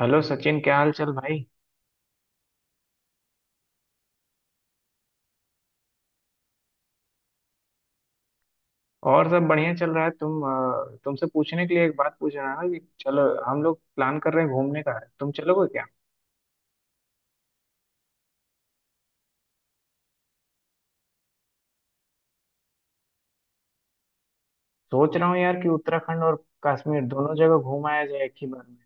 Hello Sachin, क्या हाल चाल भाई। और सब बढ़िया चल रहा है। तुम तुमसे पूछने के लिए एक बात पूछ रहा है कि चलो, हम लोग प्लान कर रहे हैं घूमने का, तुम चलोगे क्या? सोच रहा हूँ यार कि उत्तराखंड और कश्मीर दोनों जगह घूम आया जाए एक ही बार में।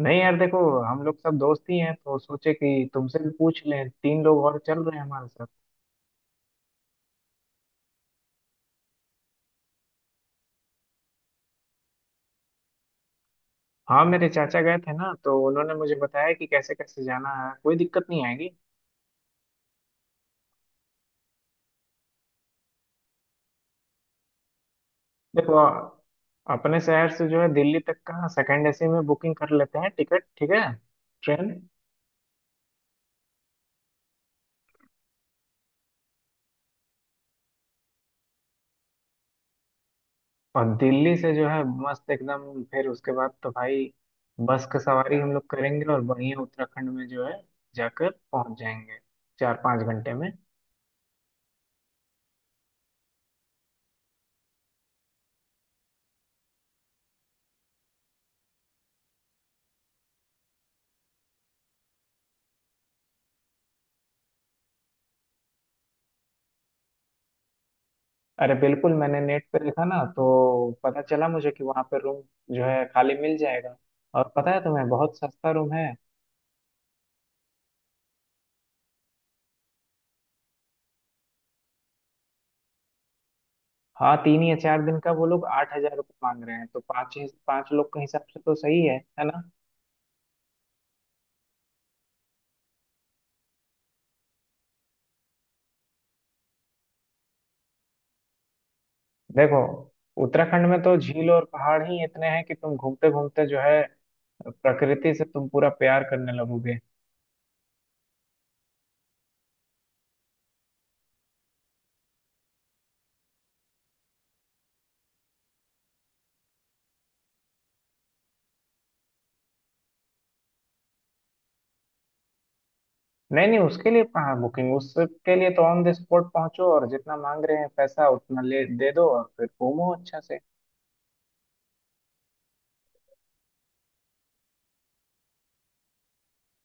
नहीं यार देखो, हम लोग सब दोस्त ही हैं तो सोचे कि तुमसे भी पूछ लें, तीन लोग और चल रहे हैं हमारे साथ। हाँ, मेरे चाचा गए थे ना, तो उन्होंने मुझे बताया कि कैसे कैसे जाना है, कोई दिक्कत नहीं आएगी। देखो, अपने शहर से जो है दिल्ली तक का सेकंड एसी में बुकिंग कर लेते हैं टिकट, ठीक है? ट्रेन। और दिल्ली से जो है मस्त एकदम, फिर उसके बाद तो भाई बस की सवारी हम लोग करेंगे, और बढ़िया उत्तराखंड में जो है जाकर पहुंच जाएंगे 4-5 घंटे में। अरे बिल्कुल, मैंने नेट पे देखा ना, तो पता चला मुझे कि वहाँ पे रूम जो है खाली मिल जाएगा। और पता है तुम्हें, बहुत सस्ता रूम है। हाँ, 3 या 4 दिन का वो लोग 8,000 रुपये मांग रहे हैं, तो पाँच पाँच लोग के हिसाब से तो सही है ना? देखो, उत्तराखंड में तो झील और पहाड़ ही इतने हैं कि तुम घूमते घूमते जो है प्रकृति से तुम पूरा प्यार करने लगोगे। नहीं नहीं, उसके लिए कहाँ बुकिंग, उसके लिए तो ऑन द स्पॉट पहुंचो और जितना मांग रहे हैं पैसा उतना ले दे दो और फिर घूमो अच्छा से।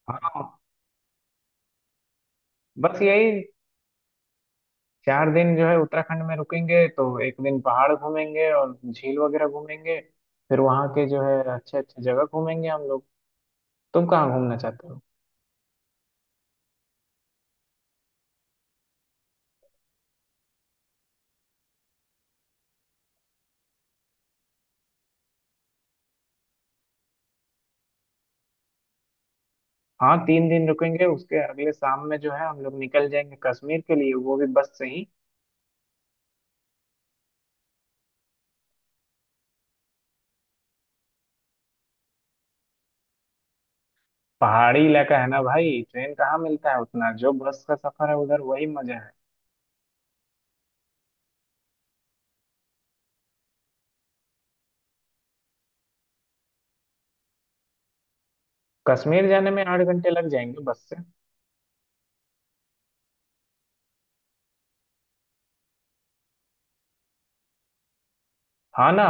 हाँ, बस यही, 4 दिन जो है उत्तराखंड में रुकेंगे तो एक दिन पहाड़ घूमेंगे और झील वगैरह घूमेंगे। फिर वहाँ के जो है अच्छे अच्छे जगह घूमेंगे हम लोग। तुम कहाँ घूमना चाहते हो? हाँ, 3 दिन रुकेंगे, उसके अगले शाम में जो है हम लोग निकल जाएंगे कश्मीर के लिए, वो भी बस से ही। पहाड़ी इलाका है ना भाई, ट्रेन कहाँ मिलता है उतना, जो बस का सफर है उधर वही मजा है। कश्मीर जाने में 8 घंटे लग जाएंगे बस से। हाँ ना।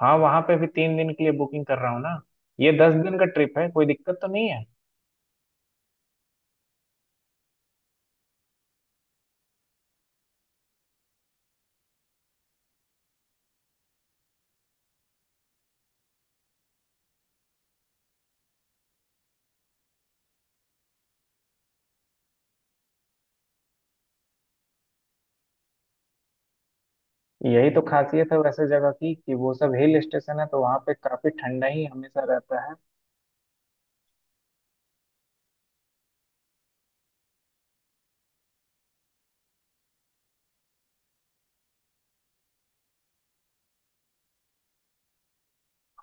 हाँ, वहाँ पे भी 3 दिन के लिए बुकिंग कर रहा हूँ ना। ये 10 दिन का ट्रिप है, कोई दिक्कत तो नहीं है? यही तो खासियत है वैसे जगह की, कि वो सब हिल स्टेशन है तो वहाँ पे काफी ठंडा ही हमेशा रहता है।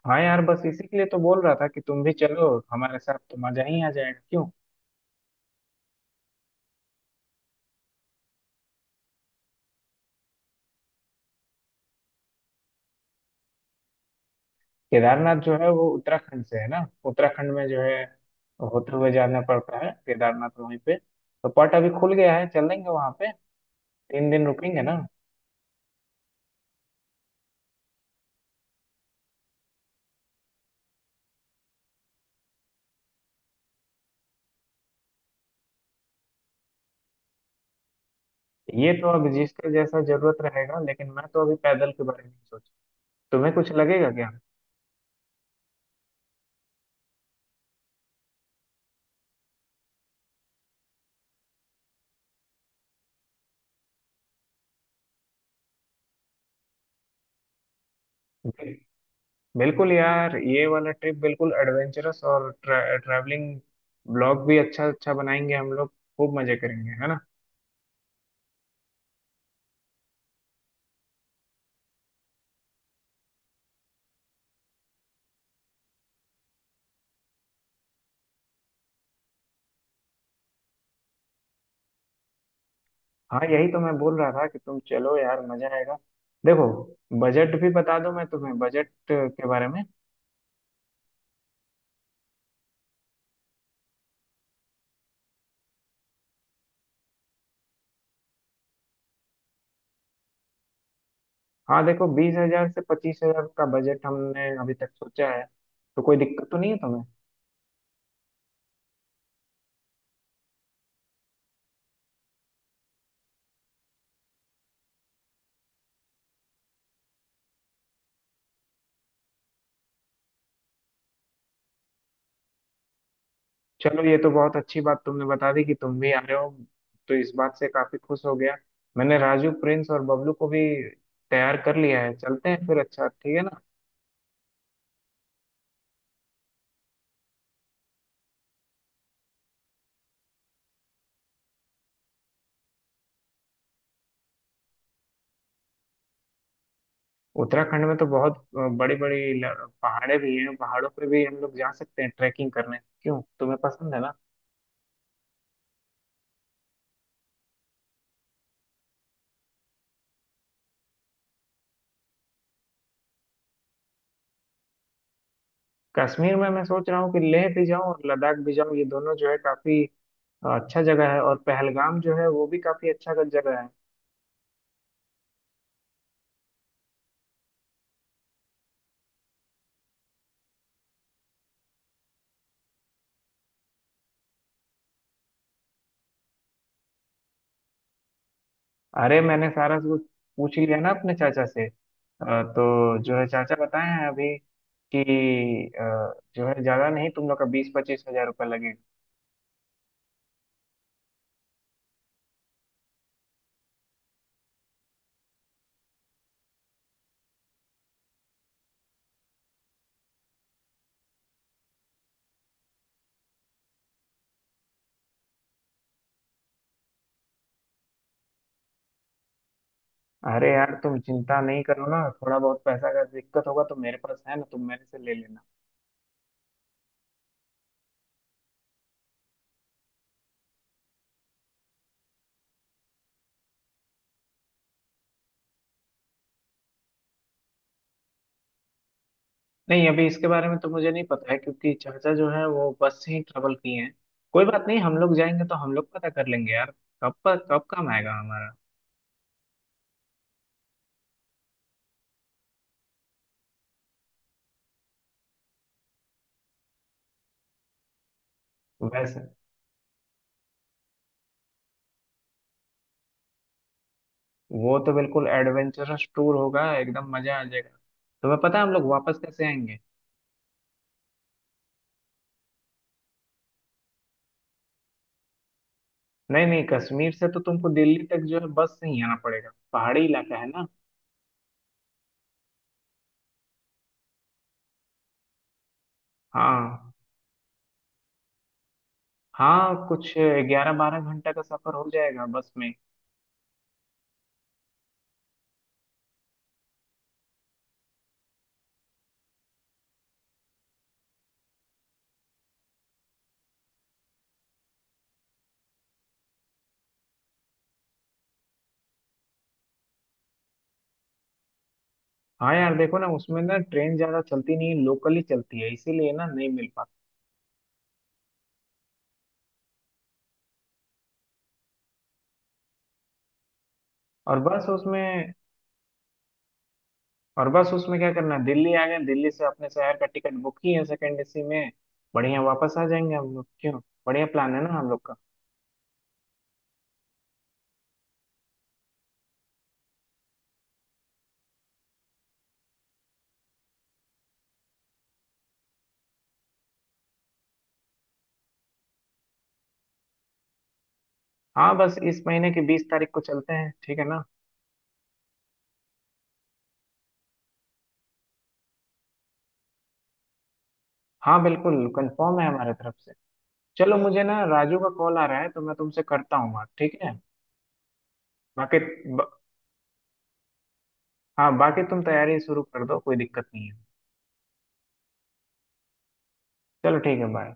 हाँ यार, बस इसी के लिए तो बोल रहा था कि तुम भी चलो हमारे साथ तो मजा ही आ जाएगा, क्यों? केदारनाथ जो है वो उत्तराखंड से है ना। उत्तराखंड में जो है होते हुए जाना पड़ता है केदारनाथ, वहीं पे तो। पट अभी खुल गया है, चलेंगे वहाँ पे। 3 दिन रुकेंगे ना। ये तो अब जिसका जैसा जरूरत रहेगा, लेकिन मैं तो अभी पैदल के बारे में सोच। तुम्हें कुछ लगेगा क्या? बिल्कुल यार, ये वाला ट्रिप बिल्कुल एडवेंचरस। और ट्रैवलिंग ब्लॉग भी अच्छा अच्छा बनाएंगे हम लोग। खूब मजे करेंगे, है ना? हाँ यही तो मैं बोल रहा था कि तुम चलो यार, मजा आएगा। देखो, बजट भी बता दूं मैं तुम्हें, बजट के बारे में। हाँ देखो, 20,000 से 25,000 का बजट हमने अभी तक सोचा है। तो कोई दिक्कत तो नहीं है तुम्हें? चलो, ये तो बहुत अच्छी बात तुमने बता दी कि तुम भी आ रहे हो, तो इस बात से काफी खुश हो गया। मैंने राजू, प्रिंस और बबलू को भी तैयार कर लिया है। चलते हैं फिर, अच्छा ठीक है ना। उत्तराखंड में तो बहुत बड़ी बड़ी पहाड़े भी हैं, पहाड़ों पे भी हम लोग जा सकते हैं ट्रैकिंग करने, क्यों तुम्हें पसंद है ना? कश्मीर में मैं सोच रहा हूँ कि लेह भी जाऊँ और लद्दाख भी जाऊं। ये दोनों जो है काफी अच्छा जगह है। और पहलगाम जो है वो भी काफी अच्छा जगह है। अरे, मैंने सारा कुछ पूछ ही लिया ना अपने चाचा से, तो जो है चाचा बताए हैं अभी कि अ, जो है ज्यादा नहीं, तुम लोग का 20-25 हजार रुपये लगेगा। अरे यार तुम चिंता नहीं करो ना, थोड़ा बहुत पैसा का दिक्कत होगा तो मेरे पास है ना, तुम मेरे से ले लेना। नहीं, अभी इसके बारे में तो मुझे नहीं पता है, क्योंकि चाचा जो है वो बस से ही ट्रेवल किए हैं। कोई बात नहीं, हम लोग जाएंगे तो हम लोग पता कर लेंगे यार। कब पर कब काम आएगा हमारा। वैसे वो तो बिल्कुल एडवेंचरस टूर होगा, एकदम मजा आ जाएगा। तुम्हें पता है हम लोग वापस कैसे आएंगे? नहीं नहीं, कश्मीर से तो तुमको दिल्ली तक जो है बस से ही आना पड़ेगा, पहाड़ी इलाका है ना। हाँ। हाँ, कुछ 11-12 घंटा का सफर हो जाएगा बस में। हाँ यार, देखो ना, उसमें ना ट्रेन ज्यादा चलती नहीं है, लोकल ही चलती है इसीलिए ना नहीं मिल पाता। और बस उसमें। और बस उसमें क्या करना है, दिल्ली आ गए, दिल्ली से अपने शहर का टिकट बुक ही है सेकेंड एसी में। बढ़िया वापस आ जाएंगे हम लोग, क्यों? बढ़िया प्लान है ना हम लोग का। हाँ, बस इस महीने की 20 तारीख को चलते हैं, ठीक है ना? हाँ बिल्कुल, कंफर्म है हमारे तरफ से। चलो, मुझे ना राजू का कॉल आ रहा है, तो मैं तुमसे करता हूँ बात, ठीक है? बाकी ब, हाँ बाकी तुम तैयारी शुरू कर दो, कोई दिक्कत नहीं है। चलो ठीक है, बाय।